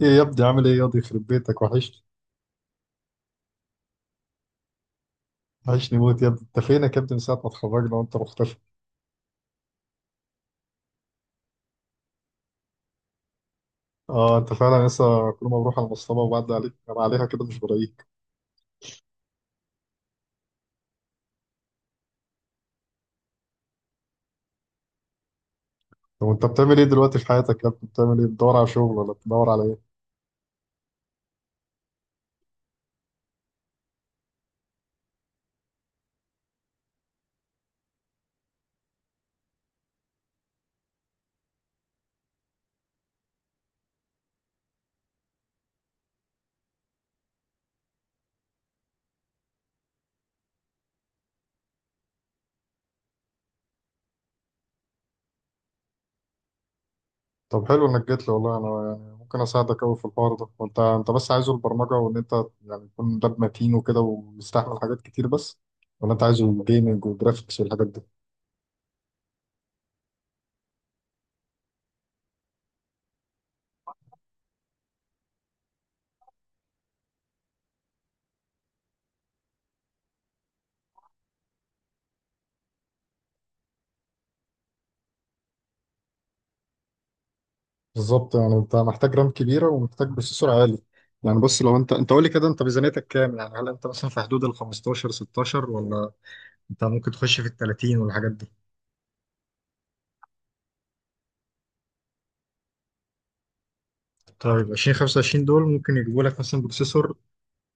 ايه يا ابني، عامل ايه يا ابني؟ يخرب بيتك، وحشني. وحشني موت يا ابني. انت فينك يا ابني؟ من ساعه ما اتخرجنا وانت مختفي. اه انت فعلا لسه، كل ما بروح على المصطبه وبعدي عليك انا عليها كده مش بلاقيك. طب انت بتعمل ايه دلوقتي في حياتك يا ابني؟ بتعمل ايه؟ بتدور على شغل ولا بتدور على ايه؟ طب حلو انك جيت لي والله. انا يعني ممكن اساعدك قوي في الحوار ده، وانت انت بس عايزه البرمجه، وان انت يعني تكون لاب متين وكده ويستحمل حاجات كتير، بس ولا انت عايزه جيمنج وجرافيكس والحاجات دي؟ بالظبط، يعني انت محتاج رام كبيره ومحتاج بروسيسور عالي. يعني بص، لو انت قول لي كده، انت ميزانيتك كام؟ يعني هل انت مثلا في حدود ال 15 16، ولا انت ممكن تخش في ال 30 والحاجات دي؟ طيب 20 25 دول ممكن يجيبوا لك مثلا بروسيسور،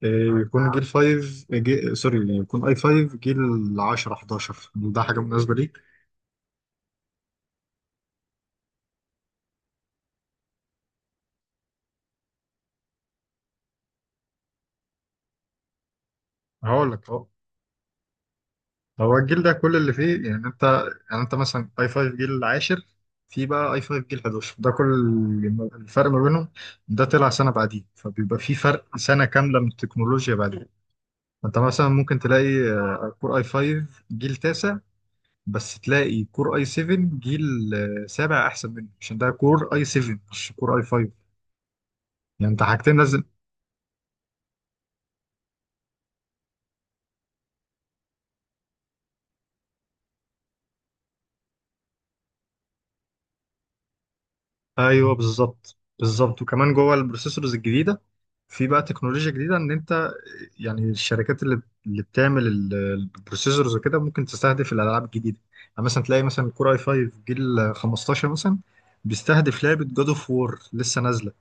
يكون جيل 5 جي... سوري يكون اي 5 جيل 10 11. ده حاجه مناسبه ليك؟ هقول لك اهو. هو الجيل ده كل اللي فيه، يعني انت، يعني انت مثلا اي 5 جيل العاشر، في بقى اي 5 جيل 11، ده كل الفرق ما بينهم. ده طلع سنه بعديه، فبيبقى في فرق سنه كامله من التكنولوجيا. بعدين انت مثلا ممكن تلاقي كور اي 5 جيل تاسع، بس تلاقي كور اي 7 جيل سابع احسن منه، عشان ده كور اي 7 مش كور اي 5. يعني انت حاجتين. ايوه بالظبط بالظبط. وكمان جوه البروسيسورز الجديده في بقى تكنولوجيا جديده، ان انت يعني الشركات اللي بتعمل البروسيسورز وكده ممكن تستهدف الالعاب الجديده. يعني مثلا تلاقي مثلا كور اي 5 جيل 15 مثلا، بيستهدف لعبه جاد اوف وور لسه نازله،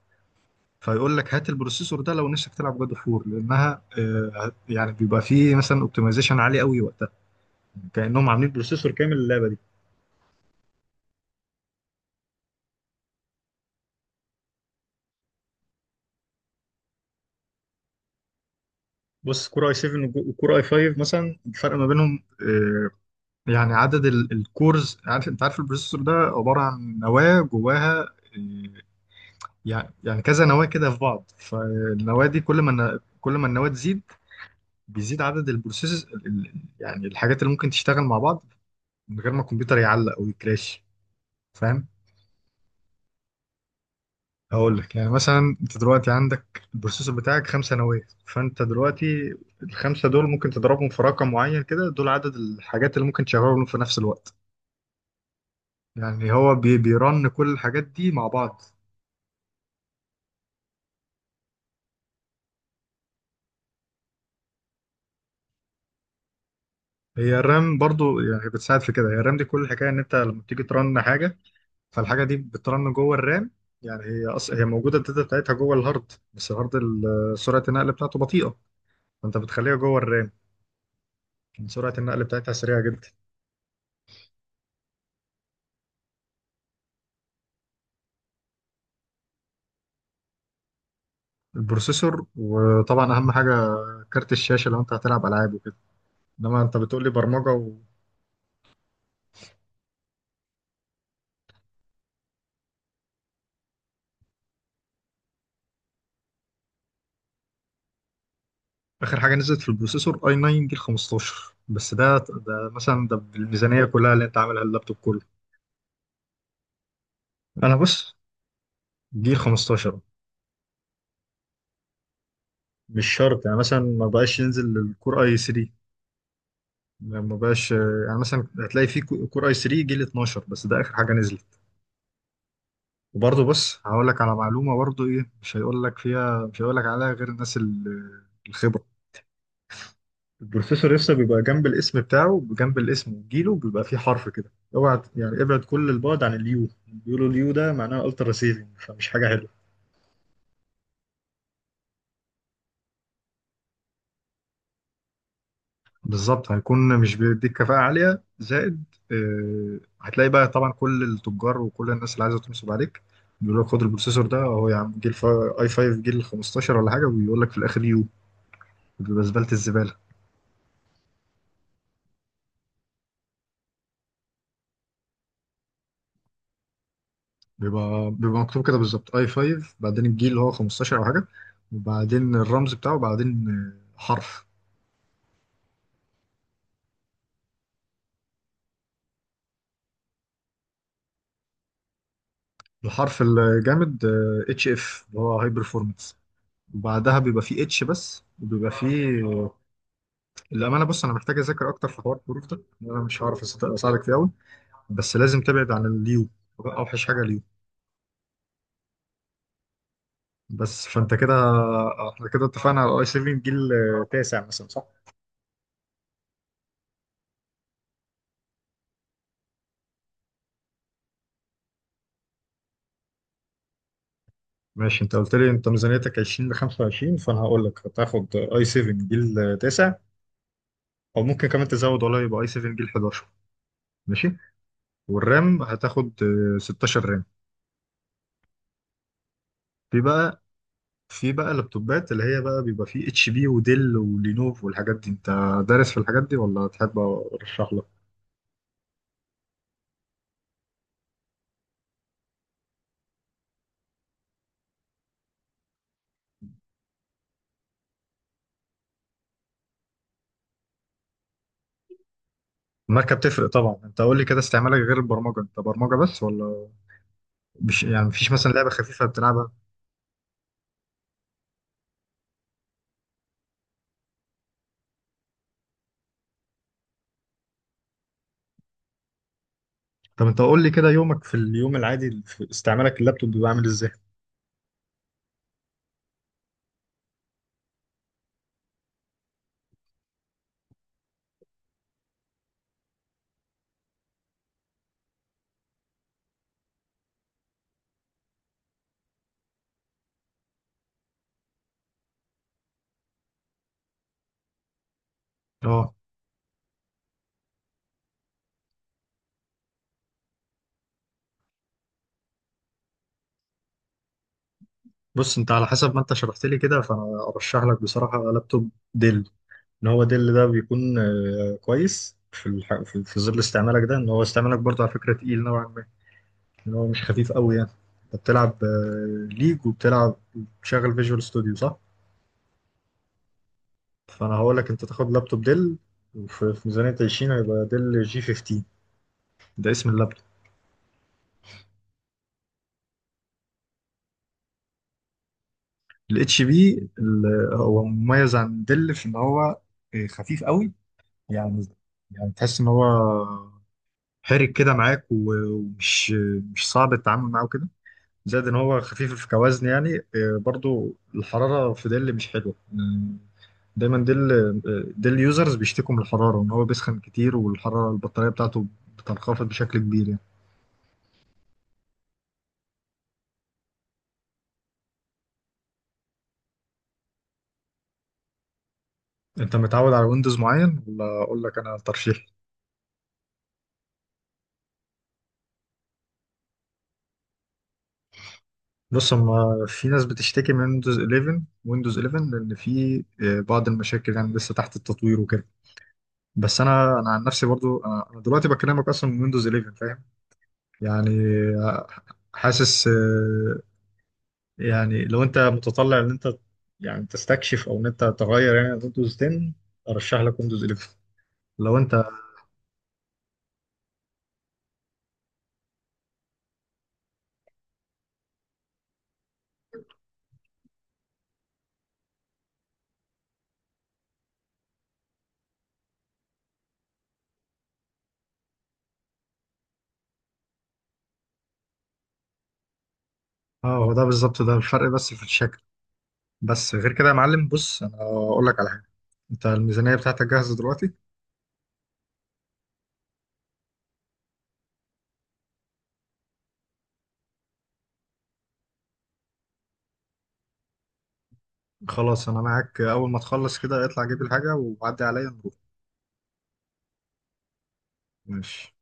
فيقول لك هات البروسيسور ده لو نفسك تلعب جاد اوف وور، لانها يعني بيبقى فيه مثلا اوبتمايزيشن عالي قوي وقتها، كانهم عاملين بروسيسور كامل للعبه دي. بص كور اي 7 وكور اي 5 مثلا، الفرق ما بينهم يعني عدد الكورز. عارف، انت عارف البروسيسور ده عبارة عن نواة جواها، إيه، يعني، يعني كذا نواة كده في بعض، فالنواة دي كل ما كل ما النواة تزيد، بيزيد عدد البروسيس، يعني الحاجات اللي ممكن تشتغل مع بعض من غير ما الكمبيوتر يعلق او يكراش. فاهم؟ هقول لك. يعني مثلا انت دلوقتي عندك البروسيسور بتاعك خمسة نواة، فانت دلوقتي الخمسة دول ممكن تضربهم في رقم معين كده، دول عدد الحاجات اللي ممكن تشغلهم في نفس الوقت. يعني هو بيرن كل الحاجات دي مع بعض. هي الرام برضو يعني بتساعد في كده. هي الرام دي، كل الحكايه ان انت لما بتيجي ترن حاجه، فالحاجه دي بترن جوه الرام. يعني هي هي موجوده، الداتا بتاعتها جوه الهارد، بس الهارد سرعه النقل بتاعته بطيئه، فانت بتخليها جوه الرام. يعني سرعه النقل بتاعتها سريعه جدا. البروسيسور، وطبعا اهم حاجه كارت الشاشه لو انت هتلعب العاب وكده، انما انت بتقول لي برمجه. واخر حاجه نزلت في البروسيسور اي 9 جيل 15، بس ده مثلا ده بالميزانيه كلها اللي انت عاملها اللابتوب كله. انا بص، جيل 15. مش شرط، يعني مثلا ما بقاش ينزل الكور اي 3، ما بقاش، يعني مثلا هتلاقي في كور اي 3 جيل 12 بس، ده اخر حاجه نزلت. وبرضه بص هقول لك على معلومه برضه، ايه مش هيقول لك فيها، مش هيقول لك عليها غير الناس الخبره. البروسيسور لسه بيبقى جنب الاسم بتاعه، جنب الاسم وجيله بيبقى فيه حرف كده. اوعى، يعني ابعد كل البعد عن اليو. بيقولوا اليو ده معناه الترا سيفنج، فمش حاجه حلوه. بالظبط، هيكون مش بيديك كفاءة عالية، زائد هتلاقي بقى طبعا كل التجار وكل الناس اللي عايزة تنصب عليك بيقول لك خد البروسيسور ده، هو يا عم جيل اي 5 جيل 15 ولا حاجة، وبيقول لك في الآخر يو، بيبقى زبالة الزبالة. بيبقى مكتوب كده بالظبط، اي 5 بعدين الجيل اللي هو 15 أو حاجة، وبعدين الرمز بتاعه، وبعدين حرف. الحرف الجامد اتش اف، اللي هو هاي برفورمانس، وبعدها بيبقى فيه اتش بس، وبيبقى فيه. للأمانة بص، أنا محتاج أذاكر أكتر في حوار الظروف ده، لأن أنا مش هعرف أساعدك فيه أوي، بس لازم تبعد عن اليو. أوحش حاجة اليو. بس فأنت كده، إحنا كده اتفقنا على أي سيفنج جيل تاسع مثلا، صح؟ ماشي. أنت قلت لي أنت ميزانيتك 20 ل 25، فأنا هقول لك هتاخد أي 7 جيل تاسع، أو ممكن كمان تزود والله، يبقى أي 7 جيل 11. ماشي. والرام هتاخد 16 رام. في بقى في بقى اللابتوبات اللي هي بقى بيبقى فيه اتش بي وديل ولينوف والحاجات دي. انت دارس في الحاجات دي ولا تحب ارشح لك؟ الماركة بتفرق طبعا. انت قول لي كده، استعمالك غير البرمجة، انت برمجة بس، ولا مش، يعني مفيش مثلا لعبة خفيفة بتلعبها؟ طب انت قول لي كده، يومك في اليوم العادي في استعمالك اللابتوب بيبقى عامل ازاي؟ اه. بص انت على حسب ما انت شرحت لي كده، فانا ارشح لك بصراحة لابتوب ديل. ان هو ديل ده بيكون كويس في في ظل استعمالك ده، ان هو استعمالك برضه على فكرة تقيل نوعا ما، ان هو مش خفيف قوي يعني. انت بتلعب ليج وبتلعب بتشغل فيجوال ستوديو، صح؟ فانا هقول لك انت تاخد لابتوب ديل، وفي في ميزانيه 20 هيبقى ديل جي 15. ده اسم اللابتوب. الاتش بي هو مميز عن ديل في ان هو خفيف قوي. يعني، يعني تحس ان هو حرك كده معاك، ومش مش صعب التعامل معاه كده، زائد ان هو خفيف في كوزن يعني. برضو الحراره في ديل مش حلوه. دايما ديل، ديل يوزرز بيشتكوا من الحراره ان هو بيسخن كتير، والحراره البطاريه بتاعته بتنخفض بشكل كبير يعني. انت متعود على ويندوز معين، ولا اقول لك انا ترشيح؟ بص، هما في ناس بتشتكي من ويندوز 11. ويندوز 11 لان في بعض المشاكل يعني لسه تحت التطوير وكده. بس انا عن نفسي برضو، أنا دلوقتي بكلمك اصلا من ويندوز 11، فاهم؟ يعني آه، حاسس، يعني لو انت متطلع ان انت يعني تستكشف، او ان انت تغير يعني ويندوز 10، ارشح لك ويندوز 11. لو انت، اه هو ده بالظبط، ده الفرق بس في الشكل، بس غير كده يا معلم. بص انا اقول لك على، انت الميزانية بتاعتك جاهزة دلوقتي؟ خلاص انا معاك، اول ما تخلص كده اطلع جيب الحاجة وعدي عليا نروح. ماشي.